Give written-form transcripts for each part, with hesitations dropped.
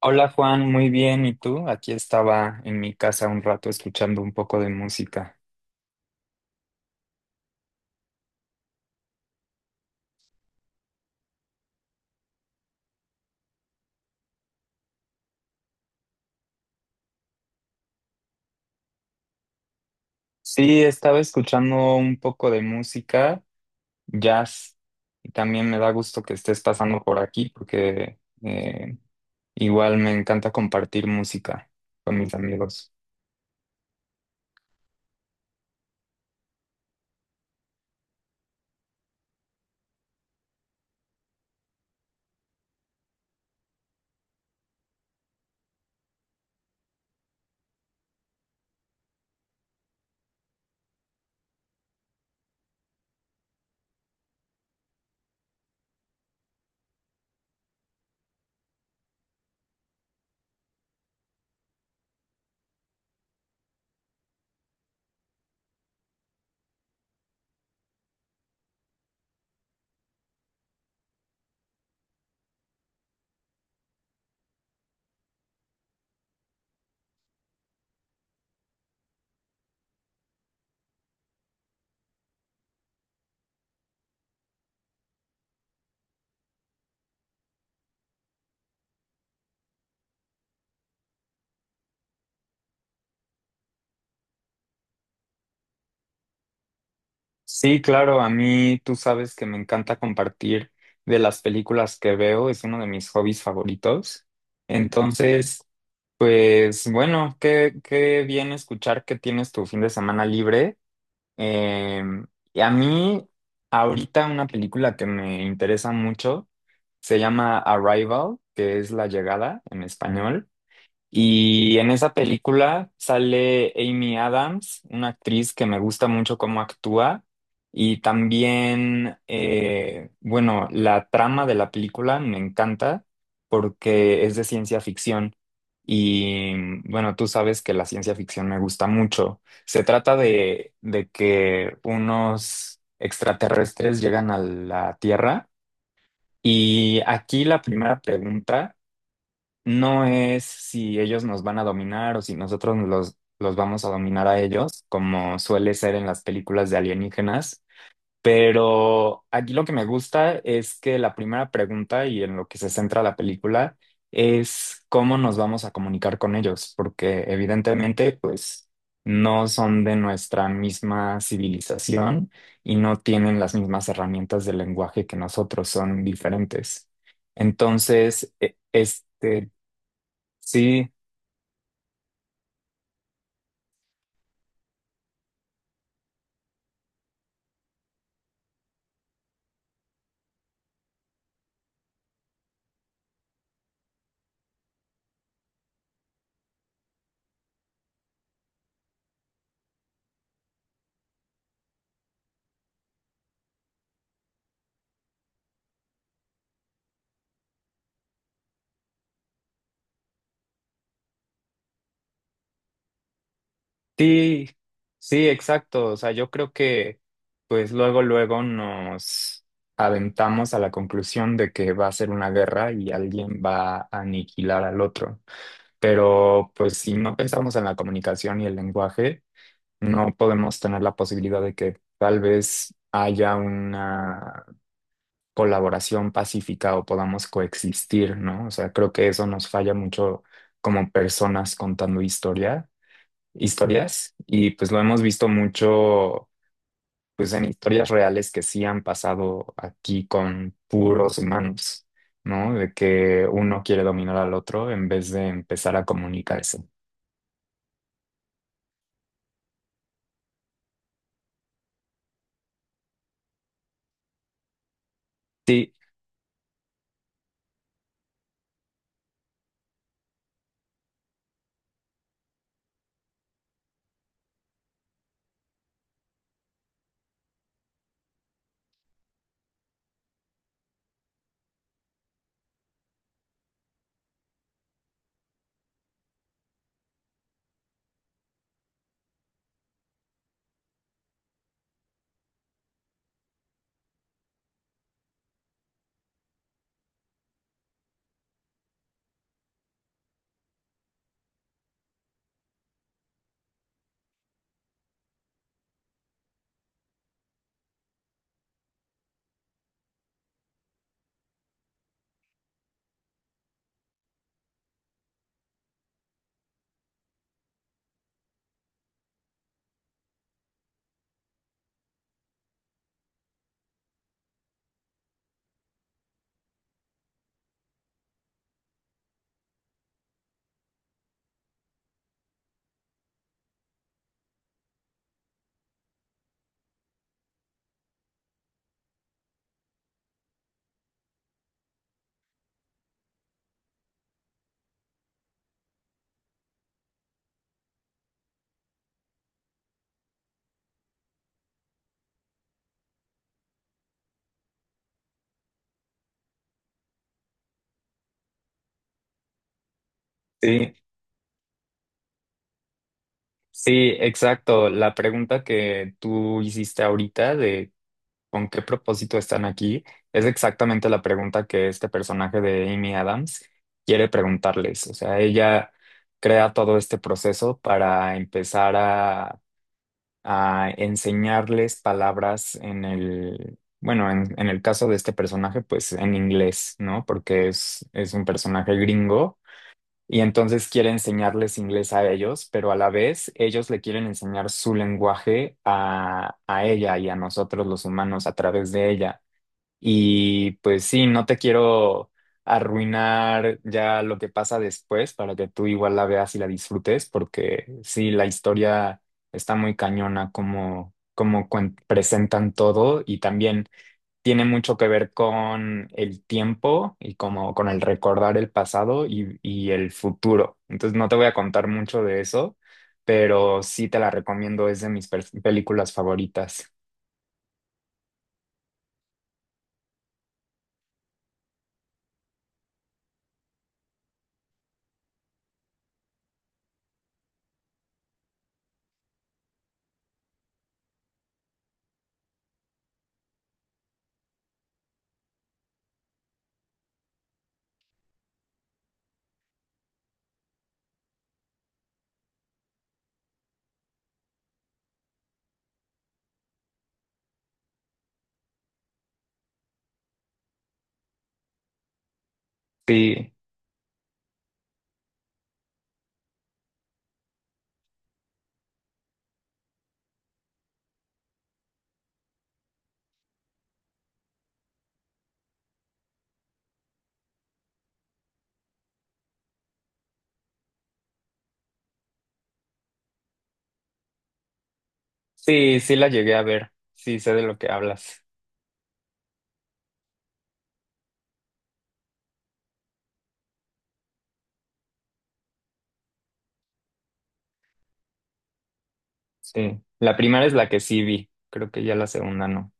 Hola Juan, muy bien. ¿Y tú? Aquí estaba en mi casa un rato escuchando un poco de música. Sí, estaba escuchando un poco de música, jazz, y también me da gusto que estés pasando por aquí porque eh, igual me encanta compartir música con mis amigos. Sí, claro, a mí tú sabes que me encanta compartir de las películas que veo, es uno de mis hobbies favoritos. Entonces, pues bueno, qué bien escuchar que tienes tu fin de semana libre. Eh, y a mí, ahorita una película que me interesa mucho se llama Arrival, que es La Llegada en español. Y en esa película sale Amy Adams, una actriz que me gusta mucho cómo actúa. Y también, bueno, la trama de la película me encanta porque es de ciencia ficción. Y bueno, tú sabes que la ciencia ficción me gusta mucho. Se trata de que unos extraterrestres llegan a la Tierra. Y aquí la primera pregunta no es si ellos nos van a dominar o si nosotros los vamos a dominar a ellos, como suele ser en las películas de alienígenas. Pero aquí lo que me gusta es que la primera pregunta y en lo que se centra la película es cómo nos vamos a comunicar con ellos, porque evidentemente pues no son de nuestra misma civilización y no tienen las mismas herramientas de lenguaje que nosotros, son diferentes. Entonces, este. Sí, sí, sí, exacto. O sea, yo creo que pues luego, luego nos aventamos a la conclusión de que va a ser una guerra y alguien va a aniquilar al otro. Pero pues si no pensamos en la comunicación y el lenguaje, no podemos tener la posibilidad de que tal vez haya una colaboración pacífica o podamos coexistir, ¿no? O sea, creo que eso nos falla mucho como personas contando historias y pues lo hemos visto mucho pues en historias reales que sí han pasado aquí con puros humanos, ¿no? De que uno quiere dominar al otro en vez de empezar a comunicarse. Sí, sí, sí, exacto. La pregunta que tú hiciste ahorita de con qué propósito están aquí es exactamente la pregunta que este personaje de Amy Adams quiere preguntarles. O sea, ella crea todo este proceso para empezar a enseñarles palabras en el, bueno, en el caso de este personaje, pues en inglés, ¿no? Porque es un personaje gringo y entonces quiere enseñarles inglés a ellos, pero a la vez ellos le quieren enseñar su lenguaje a ella y a nosotros los humanos a través de ella. Y pues sí, no te quiero arruinar ya lo que pasa después para que tú igual la veas y la disfrutes, porque sí, la historia está muy cañona como, presentan todo y también tiene mucho que ver con el tiempo y como con el recordar el pasado y el futuro. Entonces no te voy a contar mucho de eso, pero sí te la recomiendo, es de mis películas favoritas. Sí. Sí, sí la llegué a ver. Sí, sé de lo que hablas. Sí. La primera es la que sí vi. Creo que ya la segunda no.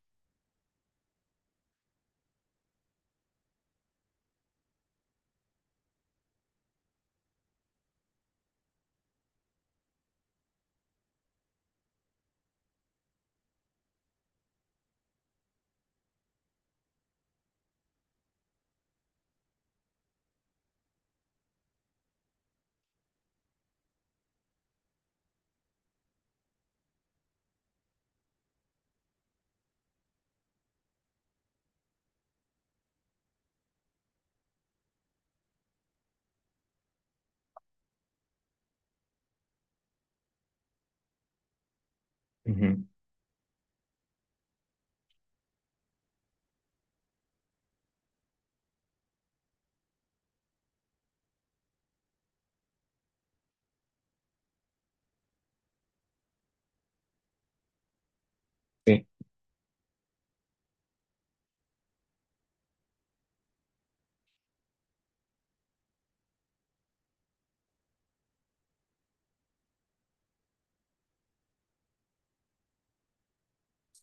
Ujú. Sí.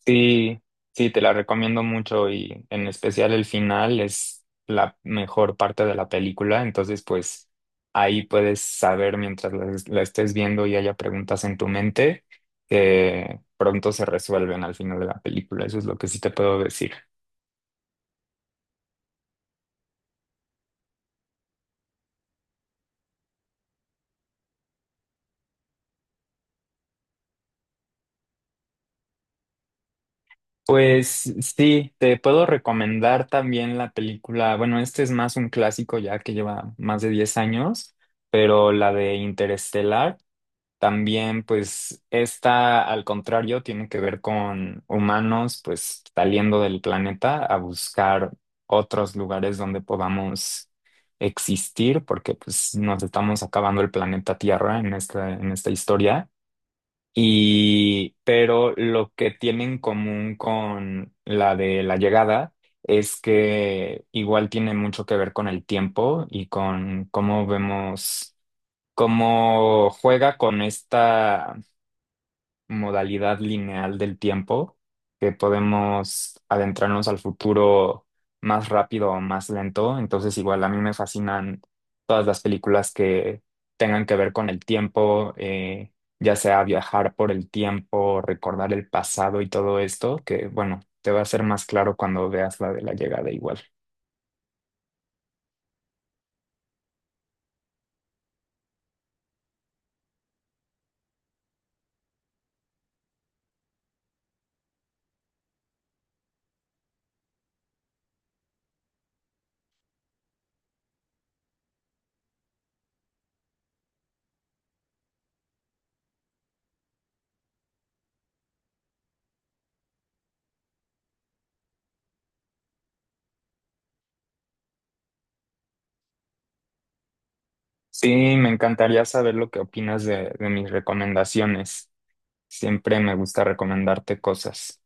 Sí, sí, te la recomiendo mucho y en especial el final es la mejor parte de la película. Entonces, pues ahí puedes saber mientras la estés viendo y haya preguntas en tu mente que pronto se resuelven al final de la película. Eso es lo que sí te puedo decir. Pues sí, te puedo recomendar también la película, bueno, este es más un clásico ya que lleva más de 10 años, pero la de Interestelar también, pues esta al contrario tiene que ver con humanos pues saliendo del planeta a buscar otros lugares donde podamos existir, porque pues nos estamos acabando el planeta Tierra en esta historia. Y, pero lo que tiene en común con la de la llegada es que igual tiene mucho que ver con el tiempo y con cómo vemos, cómo juega con esta modalidad lineal del tiempo, que podemos adentrarnos al futuro más rápido o más lento. Entonces, igual a mí me fascinan todas las películas que tengan que ver con el tiempo, ya sea viajar por el tiempo, recordar el pasado y todo esto, que bueno, te va a ser más claro cuando veas la de la llegada igual. Sí, me encantaría saber lo que opinas de mis recomendaciones. Siempre me gusta recomendarte cosas.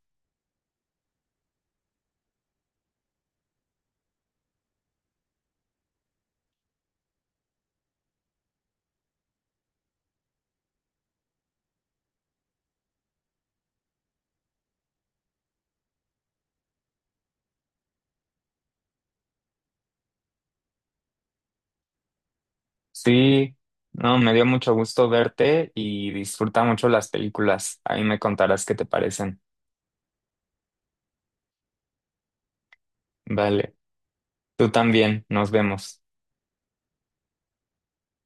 Sí, no, me dio mucho gusto verte y disfruta mucho las películas. Ahí me contarás qué te parecen. Vale, tú también, nos vemos.